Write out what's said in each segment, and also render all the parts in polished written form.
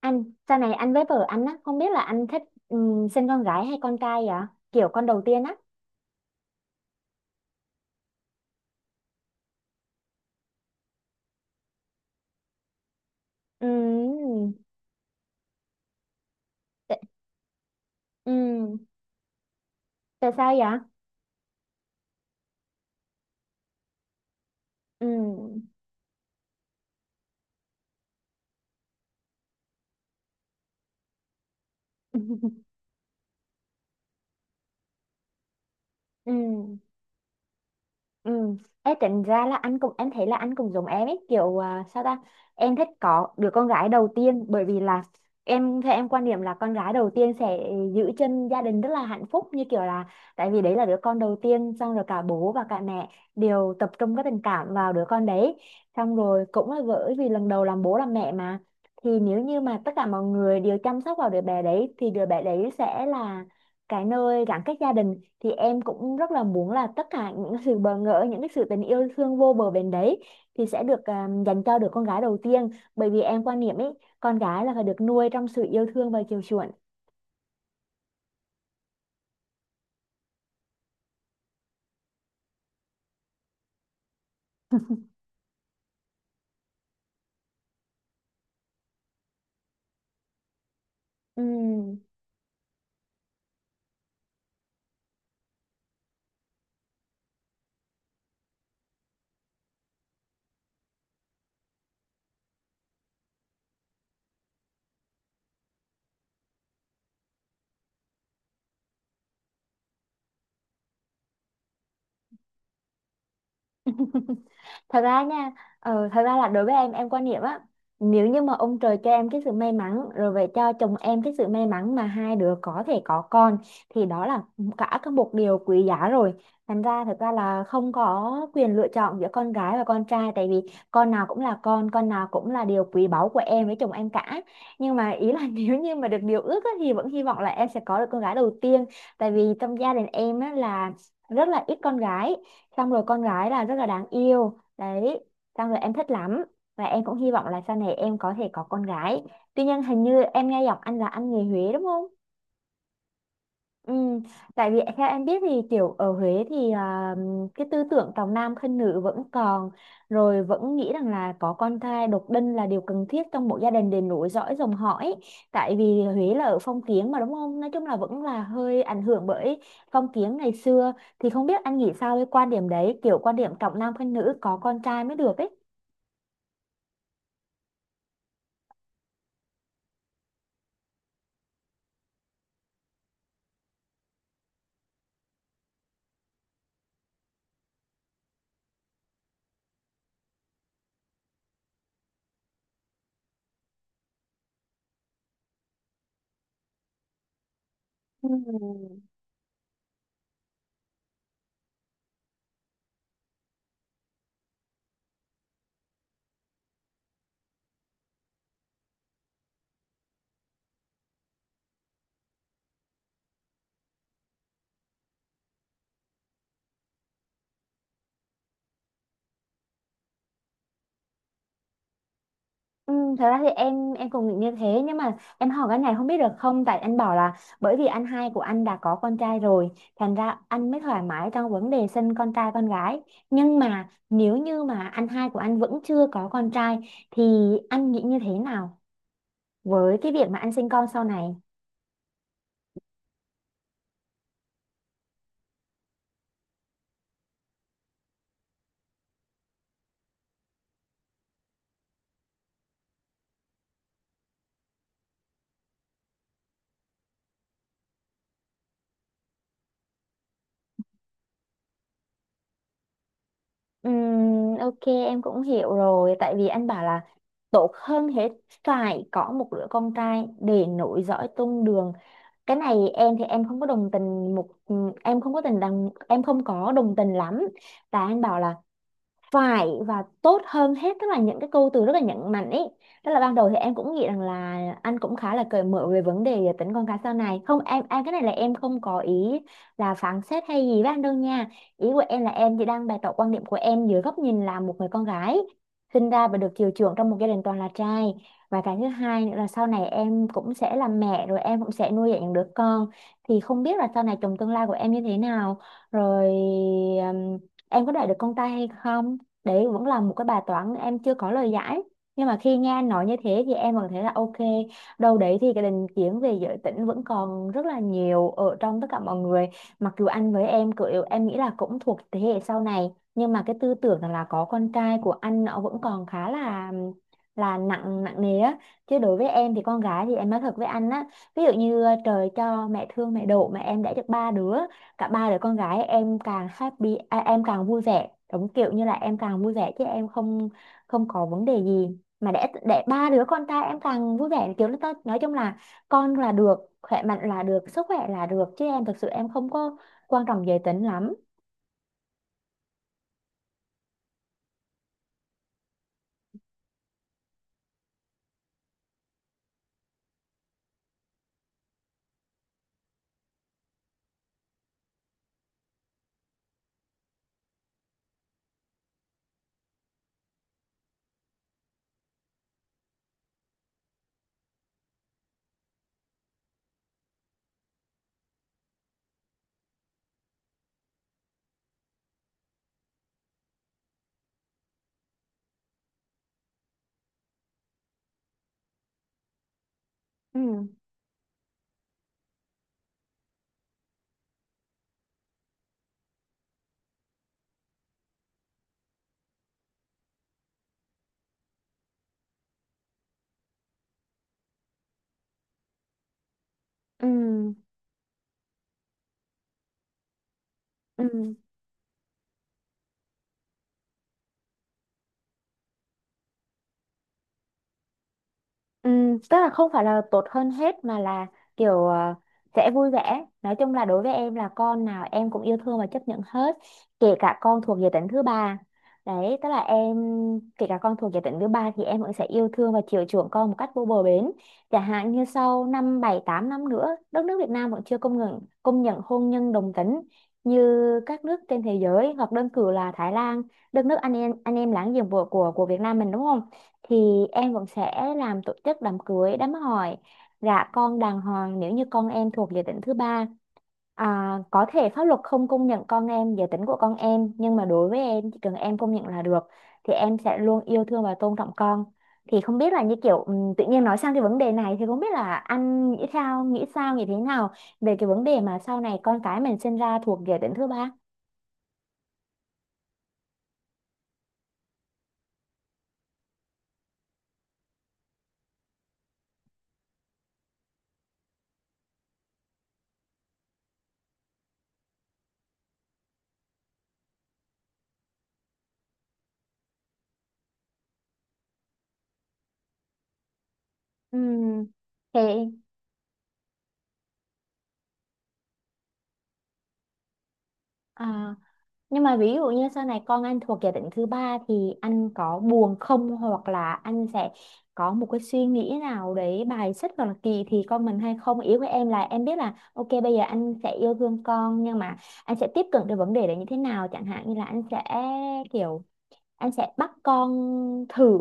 Anh, sau này anh với vợ anh á, không biết là anh thích, sinh con gái hay con trai vậy? Kiểu con đầu tiên á. Ừm. tại- ừm, Tại sao vậy? Ừm. Ừm. Ừ. Ê, tính ra là anh cũng em thấy là anh cũng giống em, ấy kiểu sao ta, em thích có đứa con gái đầu tiên. Bởi vì là em theo em quan niệm là con gái đầu tiên sẽ giữ chân gia đình rất là hạnh phúc. Như kiểu là tại vì đấy là đứa con đầu tiên, xong rồi cả bố và cả mẹ đều tập trung cái tình cảm vào đứa con đấy. Xong rồi cũng là bởi vì lần đầu làm bố làm mẹ mà, thì nếu như mà tất cả mọi người đều chăm sóc vào đứa bé đấy thì đứa bé đấy sẽ là cái nơi gắn kết gia đình. Thì em cũng rất là muốn là tất cả những sự bỡ ngỡ, những cái sự tình yêu thương vô bờ bến đấy thì sẽ được dành cho đứa con gái đầu tiên. Bởi vì em quan niệm ấy, con gái là phải được nuôi trong sự yêu thương và chiều chuộng. Ừm, Thật ra nha. Thật ra là đối với em quan niệm á, nếu như mà ông trời cho em cái sự may mắn rồi về cho chồng em cái sự may mắn mà hai đứa có thể có con, thì đó là cả, có một điều quý giá rồi. Thành ra thật ra là không có quyền lựa chọn giữa con gái và con trai, tại vì con nào cũng là con nào cũng là điều quý báu của em với chồng em cả. Nhưng mà ý là nếu như mà được điều ước á, thì vẫn hy vọng là em sẽ có được con gái đầu tiên. Tại vì trong gia đình em á, là rất là ít con gái, xong rồi con gái là rất là đáng yêu. Đấy, xong rồi em thích lắm, và em cũng hy vọng là sau này em có thể có con gái. Tuy nhiên, hình như em nghe giọng anh là anh người Huế, đúng không? Ừ, tại vì theo em biết thì kiểu ở Huế thì, cái tư tưởng trọng nam khinh nữ vẫn còn, rồi vẫn nghĩ rằng là có con trai độc đinh là điều cần thiết trong một gia đình để nối dõi dòng họ ấy. Tại vì Huế là ở phong kiến mà, đúng không? Nói chung là vẫn là hơi ảnh hưởng bởi phong kiến ngày xưa, thì không biết anh nghĩ sao với quan điểm đấy, kiểu quan điểm trọng nam khinh nữ, có con trai mới được ấy. Ừ. Ừ, thật ra thì em cũng nghĩ như thế. Nhưng mà em hỏi cái này không biết được không, tại anh bảo là bởi vì anh hai của anh đã có con trai rồi, thành ra anh mới thoải mái trong vấn đề sinh con trai con gái, nhưng mà nếu như mà anh hai của anh vẫn chưa có con trai thì anh nghĩ như thế nào với cái việc mà anh sinh con sau này? Ok, em cũng hiểu rồi. Tại vì anh bảo là tốt hơn hết phải có một đứa con trai để nối dõi tông đường. Cái này em thì em không có đồng tình một ừ, em không có tình đồng em không có đồng tình lắm. Và anh bảo là phải, và tốt hơn hết, tức là những cái câu từ rất là nhấn mạnh ấy. Tức là ban đầu thì em cũng nghĩ rằng là anh cũng khá là cởi mở về vấn đề tính con cái sau này không? Em cái này là em không có ý là phán xét hay gì với anh đâu nha. Ý của em là em chỉ đang bày tỏ quan điểm của em dưới góc nhìn là một người con gái sinh ra và được chiều chuộng trong một gia đình toàn là trai. Và cái thứ hai nữa là sau này em cũng sẽ là mẹ, rồi em cũng sẽ nuôi dạy những đứa con, thì không biết là sau này chồng tương lai của em như thế nào, rồi ừm, em có đợi được con trai hay không, đấy vẫn là một cái bài toán em chưa có lời giải. Nhưng mà khi nghe anh nói như thế thì em vẫn thấy là ok, đâu đấy thì cái định kiến về giới tính vẫn còn rất là nhiều ở trong tất cả mọi người. Mặc dù anh với em kiểu em nghĩ là cũng thuộc thế hệ sau này, nhưng mà cái tư tưởng là có con trai của anh nó vẫn còn khá là nặng nặng nề á. Chứ đối với em thì con gái thì em nói thật với anh á, ví dụ như trời cho mẹ thương mẹ độ mà em đã được ba đứa, cả ba đứa con gái em càng happy, em càng vui vẻ, đúng kiểu như là em càng vui vẻ chứ em không, không có vấn đề gì mà để ba đứa con trai em càng vui vẻ, kiểu là, tao nói chung là con là được, khỏe mạnh là được, sức khỏe là được, chứ em thực sự em không có quan trọng giới tính lắm. Ừ. Ừ. Ừ. Tức là không phải là tốt hơn hết, mà là kiểu sẽ vui vẻ, nói chung là đối với em là con nào em cũng yêu thương và chấp nhận hết, kể cả con thuộc giới tính thứ ba. Đấy tức là em, kể cả con thuộc giới tính thứ ba thì em vẫn sẽ yêu thương và chiều chuộng con một cách vô bờ bến. Chẳng hạn như sau 5, 7, 8 năm nữa đất nước Việt Nam vẫn chưa công nhận hôn nhân đồng tính như các nước trên thế giới, hoặc đơn cử là Thái Lan, đất nước anh em láng giềng của Việt Nam mình, đúng không? Thì em vẫn sẽ làm tổ chức đám cưới đám hỏi, gả con đàng hoàng nếu như con em thuộc giới tính thứ ba. Có thể pháp luật không công nhận con em giới tính của con em, nhưng mà đối với em chỉ cần em công nhận là được, thì em sẽ luôn yêu thương và tôn trọng con. Thì không biết là như kiểu tự nhiên nói sang cái vấn đề này thì không biết là anh nghĩ thế nào về cái vấn đề mà sau này con cái mình sinh ra thuộc giới tính thứ ba? Ừm, thì à, Nhưng mà ví dụ như sau này con anh thuộc giả định thứ ba thì anh có buồn không, hoặc là anh sẽ có một cái suy nghĩ nào đấy bài xích hoặc là kỳ thị con mình hay không? Ý của em là em biết là ok bây giờ anh sẽ yêu thương con, nhưng mà anh sẽ tiếp cận được vấn đề đấy như thế nào? Chẳng hạn như là anh sẽ kiểu em sẽ bắt con thử,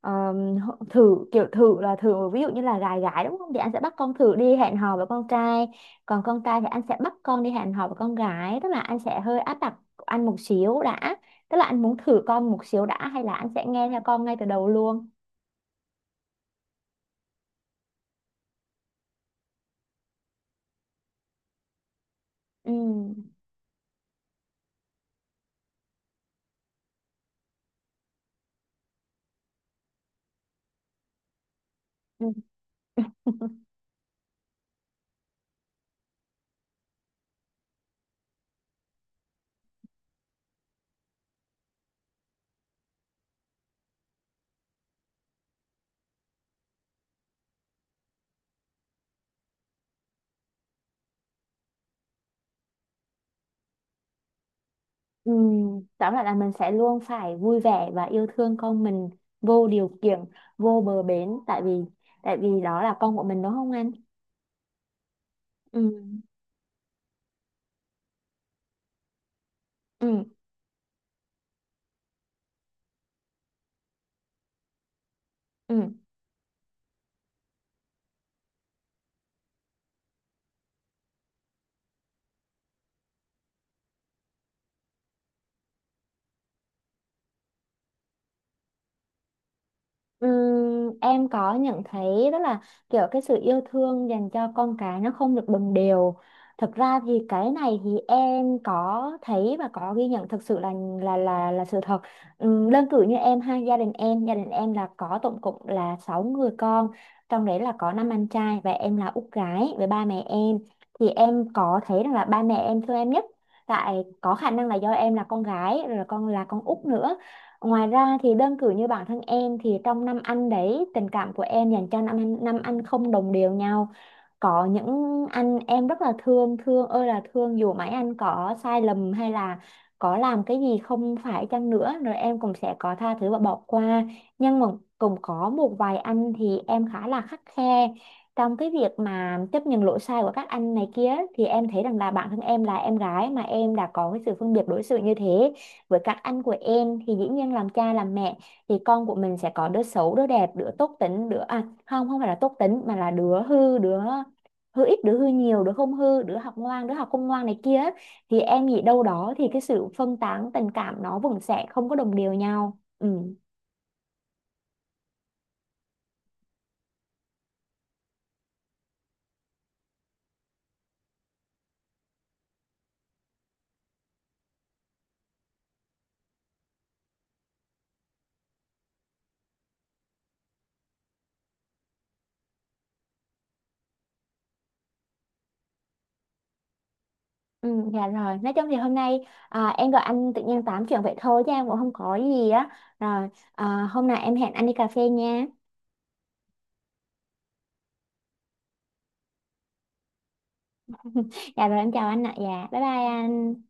thử kiểu thử là thử, ví dụ như là gái gái đúng không, thì anh sẽ bắt con thử đi hẹn hò với con trai, còn con trai thì anh sẽ bắt con đi hẹn hò với con gái, tức là anh sẽ hơi áp đặt anh một xíu đã, tức là anh muốn thử con một xíu đã, hay là anh sẽ nghe theo con ngay từ đầu luôn? Ừ. Ừ. Ừ. Tóm lại là mình sẽ luôn phải vui vẻ và yêu thương con mình vô điều kiện, vô bờ bến, tại vì đó là con của mình, đúng không anh? Ừ. Ừ. Ừ. Ừm, em có nhận thấy đó là kiểu cái sự yêu thương dành cho con cái nó không được đồng đều. Thực ra thì cái này thì em có thấy và có ghi nhận thực sự là sự thật. Đơn cử như em ha, gia đình em là có tổng cộng là 6 người con, trong đấy là có năm anh trai và em là út gái với ba mẹ em. Thì em có thấy rằng là ba mẹ em thương em nhất. Tại có khả năng là do em là con gái, rồi là con út nữa. Ngoài ra thì đơn cử như bản thân em thì trong năm anh đấy, tình cảm của em dành cho năm anh không đồng đều nhau. Có những anh em rất là thương, thương ơi là thương, dù mấy anh có sai lầm hay là có làm cái gì không phải chăng nữa rồi em cũng sẽ có tha thứ và bỏ qua. Nhưng mà cũng có một vài anh thì em khá là khắt khe trong cái việc mà chấp nhận lỗi sai của các anh này kia, thì em thấy rằng là bản thân em là em gái mà em đã có cái sự phân biệt đối xử như thế với các anh của em, thì dĩ nhiên làm cha làm mẹ thì con của mình sẽ có đứa xấu, đứa đẹp, đứa tốt tính, đứa, không, không phải là tốt tính, mà là đứa hư, đứa hư ít, đứa hư nhiều, đứa không hư, đứa học ngoan, đứa học không ngoan này kia, thì em nghĩ đâu đó thì cái sự phân tán tình cảm nó vẫn sẽ không có đồng đều nhau. Ừ. Ừ, dạ rồi, nói chung thì hôm nay em gọi anh tự nhiên tám chuyện vậy thôi, chứ em cũng không có gì á. Rồi, hôm nào em hẹn anh đi cà phê nha. Dạ rồi, em chào anh ạ. Dạ, bye bye anh.